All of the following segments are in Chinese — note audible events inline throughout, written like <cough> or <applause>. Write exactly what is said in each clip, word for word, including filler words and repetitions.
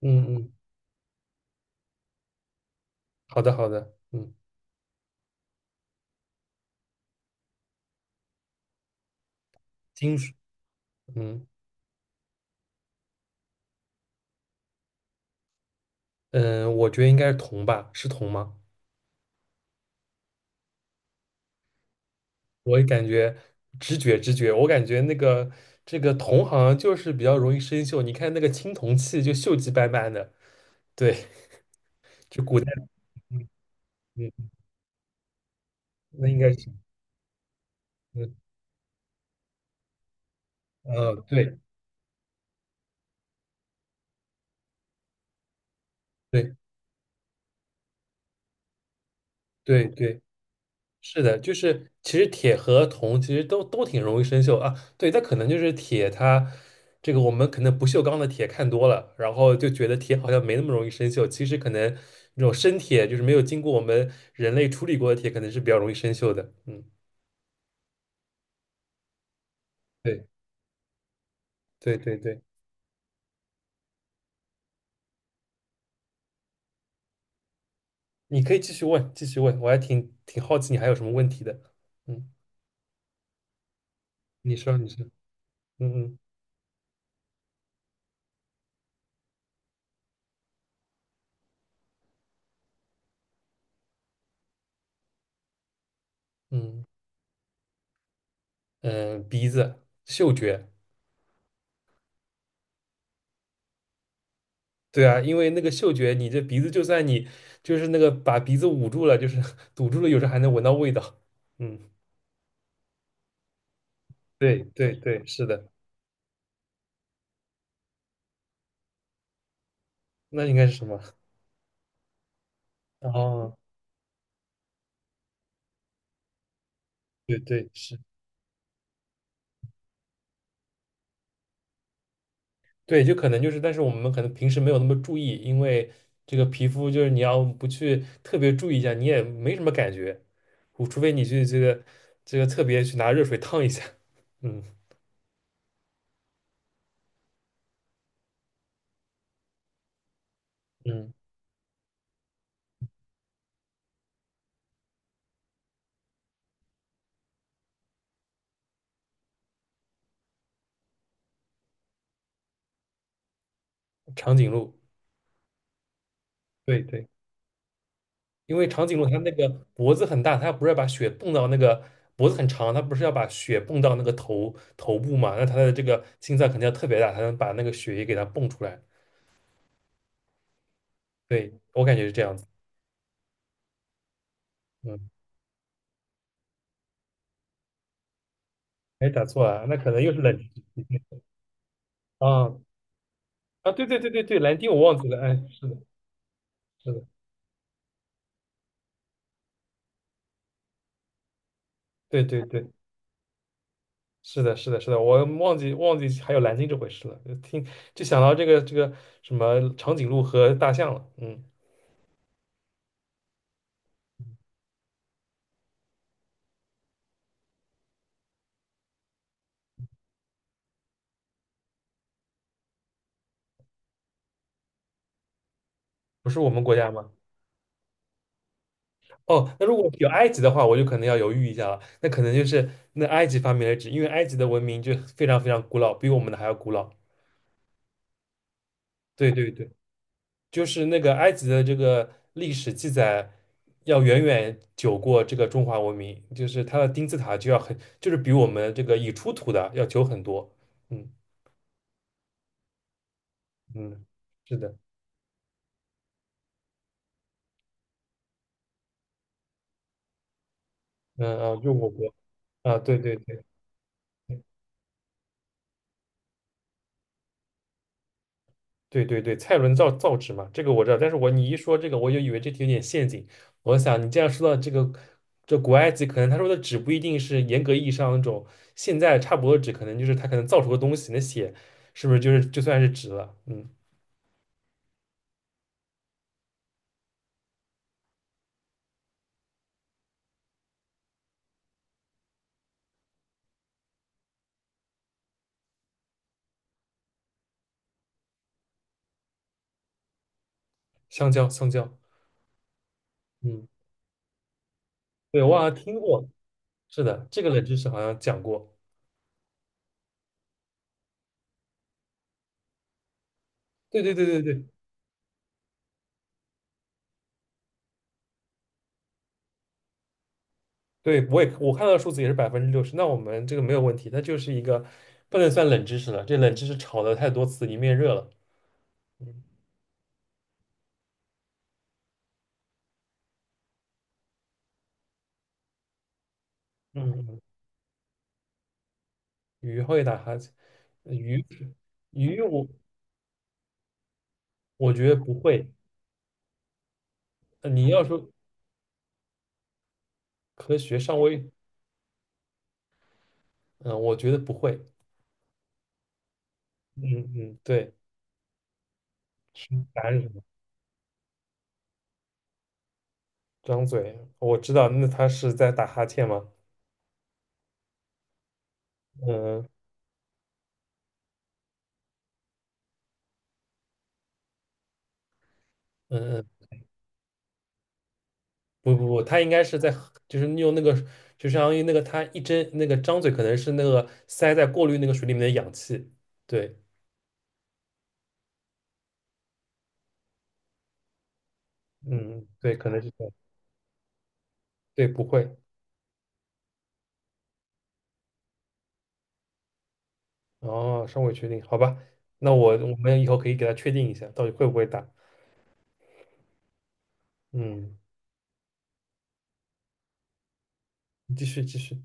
嗯嗯，好的好的。嗯金属。嗯嗯，我觉得应该是铜吧，是铜吗？我也感觉直觉直觉，我感觉那个这个铜好像就是比较容易生锈，你看那个青铜器就锈迹斑斑的，对，就古代。嗯，嗯那应该是。嗯嗯，对对对对，是的，就是其实铁和铜其实都都挺容易生锈啊。对，它可能就是铁它这个我们可能不锈钢的铁看多了，然后就觉得铁好像没那么容易生锈。其实可能那种生铁就是没有经过我们人类处理过的铁，可能是比较容易生锈的。嗯，对对对对。你可以继续问，继续问，我还挺挺好奇你还有什么问题的。嗯，你说你说。嗯嗯嗯嗯，呃鼻子嗅觉。对啊，因为那个嗅觉，你这鼻子就算你就是那个把鼻子捂住了，就是 <laughs> 堵住了，有时候还能闻到味道。嗯，对对对，是的。那应该是什么？<laughs> 哦，对对是。对，就可能就是，但是我们可能平时没有那么注意，因为这个皮肤就是你要不去特别注意一下，你也没什么感觉，除除非你去这个这个特别去拿热水烫一下。<laughs> 嗯嗯，长颈鹿。对对。因为长颈鹿它那个脖子很大，它不是要把血泵到那个脖子很长，它不是要把血泵到那个头头部嘛？那它的这个心脏肯定要特别大，才能把那个血液给它泵出来。对，我感觉是这样子。嗯，哎，打错了，那可能又是冷知识。啊啊！对对对对对，蓝鲸我忘记了。哎，是的，是的，对对对，是的，是的，是的，我忘记忘记还有蓝鲸这回事了，就听就想到这个这个什么长颈鹿和大象了。嗯，不是我们国家吗？哦，那如果有埃及的话，我就可能要犹豫一下了。那可能就是那埃及发明了纸，因为埃及的文明就非常非常古老，比我们的还要古老。对对对，就是那个埃及的这个历史记载要远远久过这个中华文明，就是它的金字塔就要很，就是比我们这个已出土的要久很多。嗯嗯，是的。嗯啊，就我国啊，对对对。对对对，蔡伦造造纸嘛，这个我知道。但是我你一说这个，我就以为这题有点陷阱。我想你这样说到这个，这古埃及可能他说的纸不一定是严格意义上那种现在差不多的纸，可能就是他可能造出的东西，那血是不是就是就算是纸了？嗯，香蕉，香蕉。嗯，对，我好像听过，是的，这个冷知识好像讲过。对对对对对对，我也我看到的数字也是百分之六十，那我们这个没有问题，它就是一个不能算冷知识了，这冷知识炒的太多次，你面热了。嗯嗯。嗯鱼会打哈欠。呃鱼鱼我我觉得不会。呃你要说科学上位。嗯，我觉得不会。嗯嗯，对，是，答案是什么？张嘴，我知道，那他是在打哈欠吗？嗯嗯嗯，不不不，他应该是在就是用那个，就相当于那个他一睁那个张嘴，可能是那个塞在过滤那个水里面的氧气。对。嗯，对，可能是这样。对，不会。哦，尚未确定，好吧。那我我们以后可以给他确定一下，到底会不会打。嗯，你继续继续，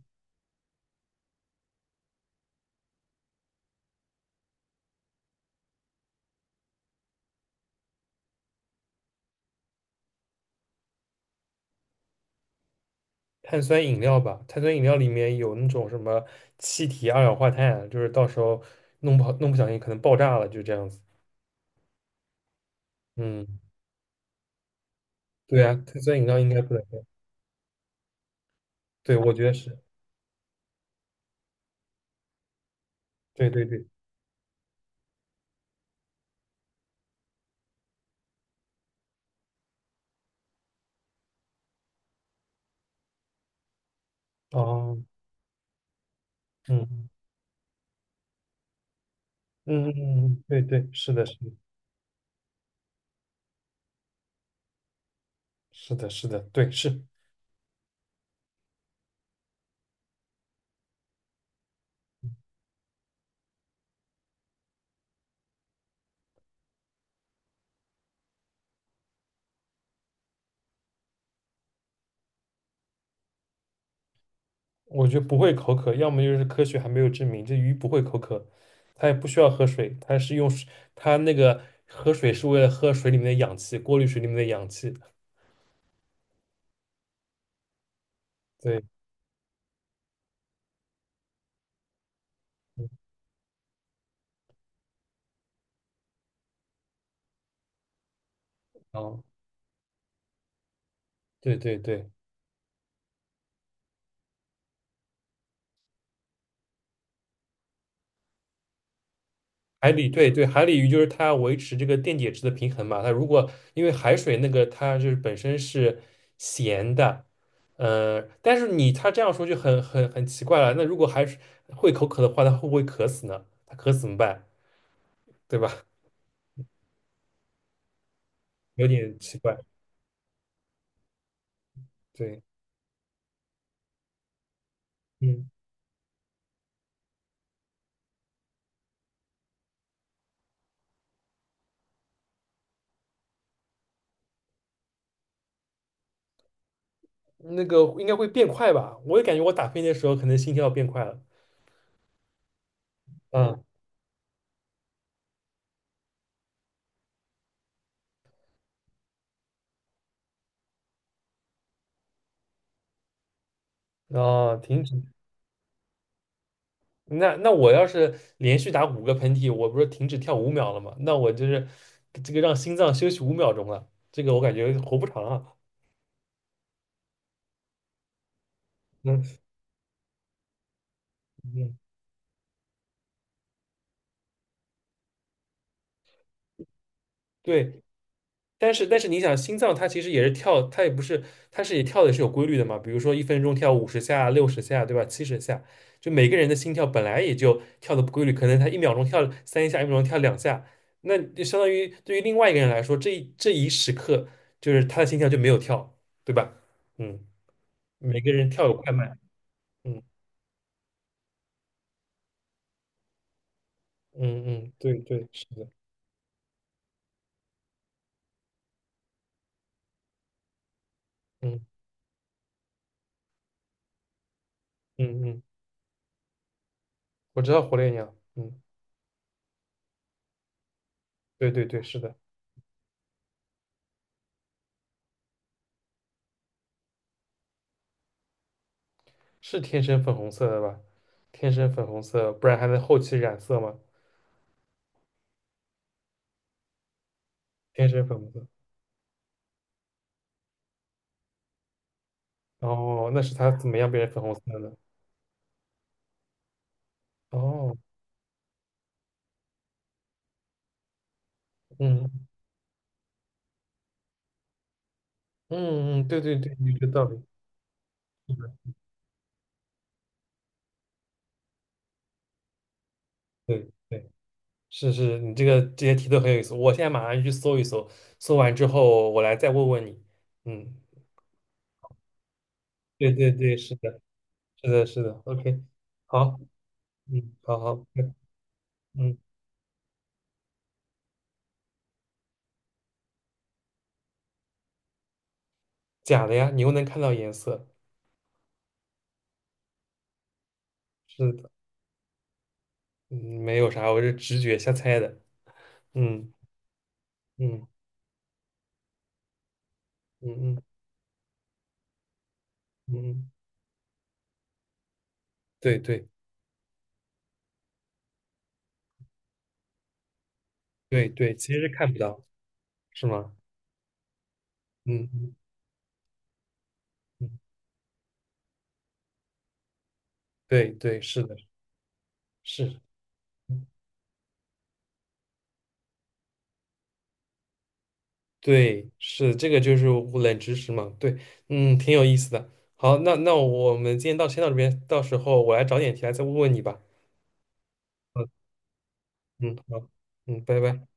碳酸饮料吧，碳酸饮料里面有那种什么气体二氧化碳，就是到时候弄不好弄不小心可能爆炸了，就这样子。嗯，对啊，碳酸饮料应该不能喝。对，我觉得是。对对对，哦，嗯嗯嗯嗯，对对，是的，是的，是的，是的，对，是。我觉得不会口渴，要么就是科学还没有证明这鱼不会口渴，它也不需要喝水，它是用水它那个喝水是为了喝水里面的氧气，过滤水里面的氧气。对。嗯，哦，对对对，海里，对对，海里鱼就是它维持这个电解质的平衡嘛。它如果因为海水那个它就是本身是咸的，呃，但是你它这样说就很很很奇怪了。那如果海水会口渴的话，它会不会渴死呢？它渴死怎么办？对吧？<laughs> 有点奇怪。对。嗯，那个应该会变快吧？我也感觉我打喷嚏的时候可能心跳变快了。嗯，哦，停止。那那我要是连续打五个喷嚏，我不是停止跳五秒了吗？那我就是这个让心脏休息五秒钟了，这个我感觉活不长啊。嗯，是这样。对，但是但是你想，心脏它其实也是跳，它也不是，它是也跳的是有规律的嘛。比如说一分钟跳五十下、六十下，对吧？七十下。就每个人的心跳本来也就跳的不规律，可能他一秒钟跳三下，一秒钟跳两下，那就相当于对于另外一个人来说，这一这一时刻就是他的心跳就没有跳，对吧？嗯。每个人跳有快慢。嗯嗯嗯，对对，是的。嗯嗯嗯，我知道火烈鸟。嗯，对对对，是的。是天生粉红色的吧？天生粉红色，不然还能后期染色吗？天生粉红色。哦，那是它怎么样变成粉红色的呢。哦，嗯嗯嗯，对对对，有这个道理，是的，对对。是是，你这个这些题都很有意思，我现在马上去搜一搜，搜完之后我来再问问你。嗯，对对对，是的，是的，是的，O K，好。嗯，好好。嗯，嗯假的呀，你又能看到颜色。是的。嗯，没有啥，我是直觉瞎猜的。嗯嗯嗯嗯嗯。嗯，对对对对，其实是看不到。是吗？嗯嗯嗯，对对，是的。是。嗯，对，是，这个就是我冷知识嘛，对。嗯，挺有意思的。好，那那我们今天到先到这边，到时候我来找点题来再问问你吧。嗯嗯，好。嗯，拜拜。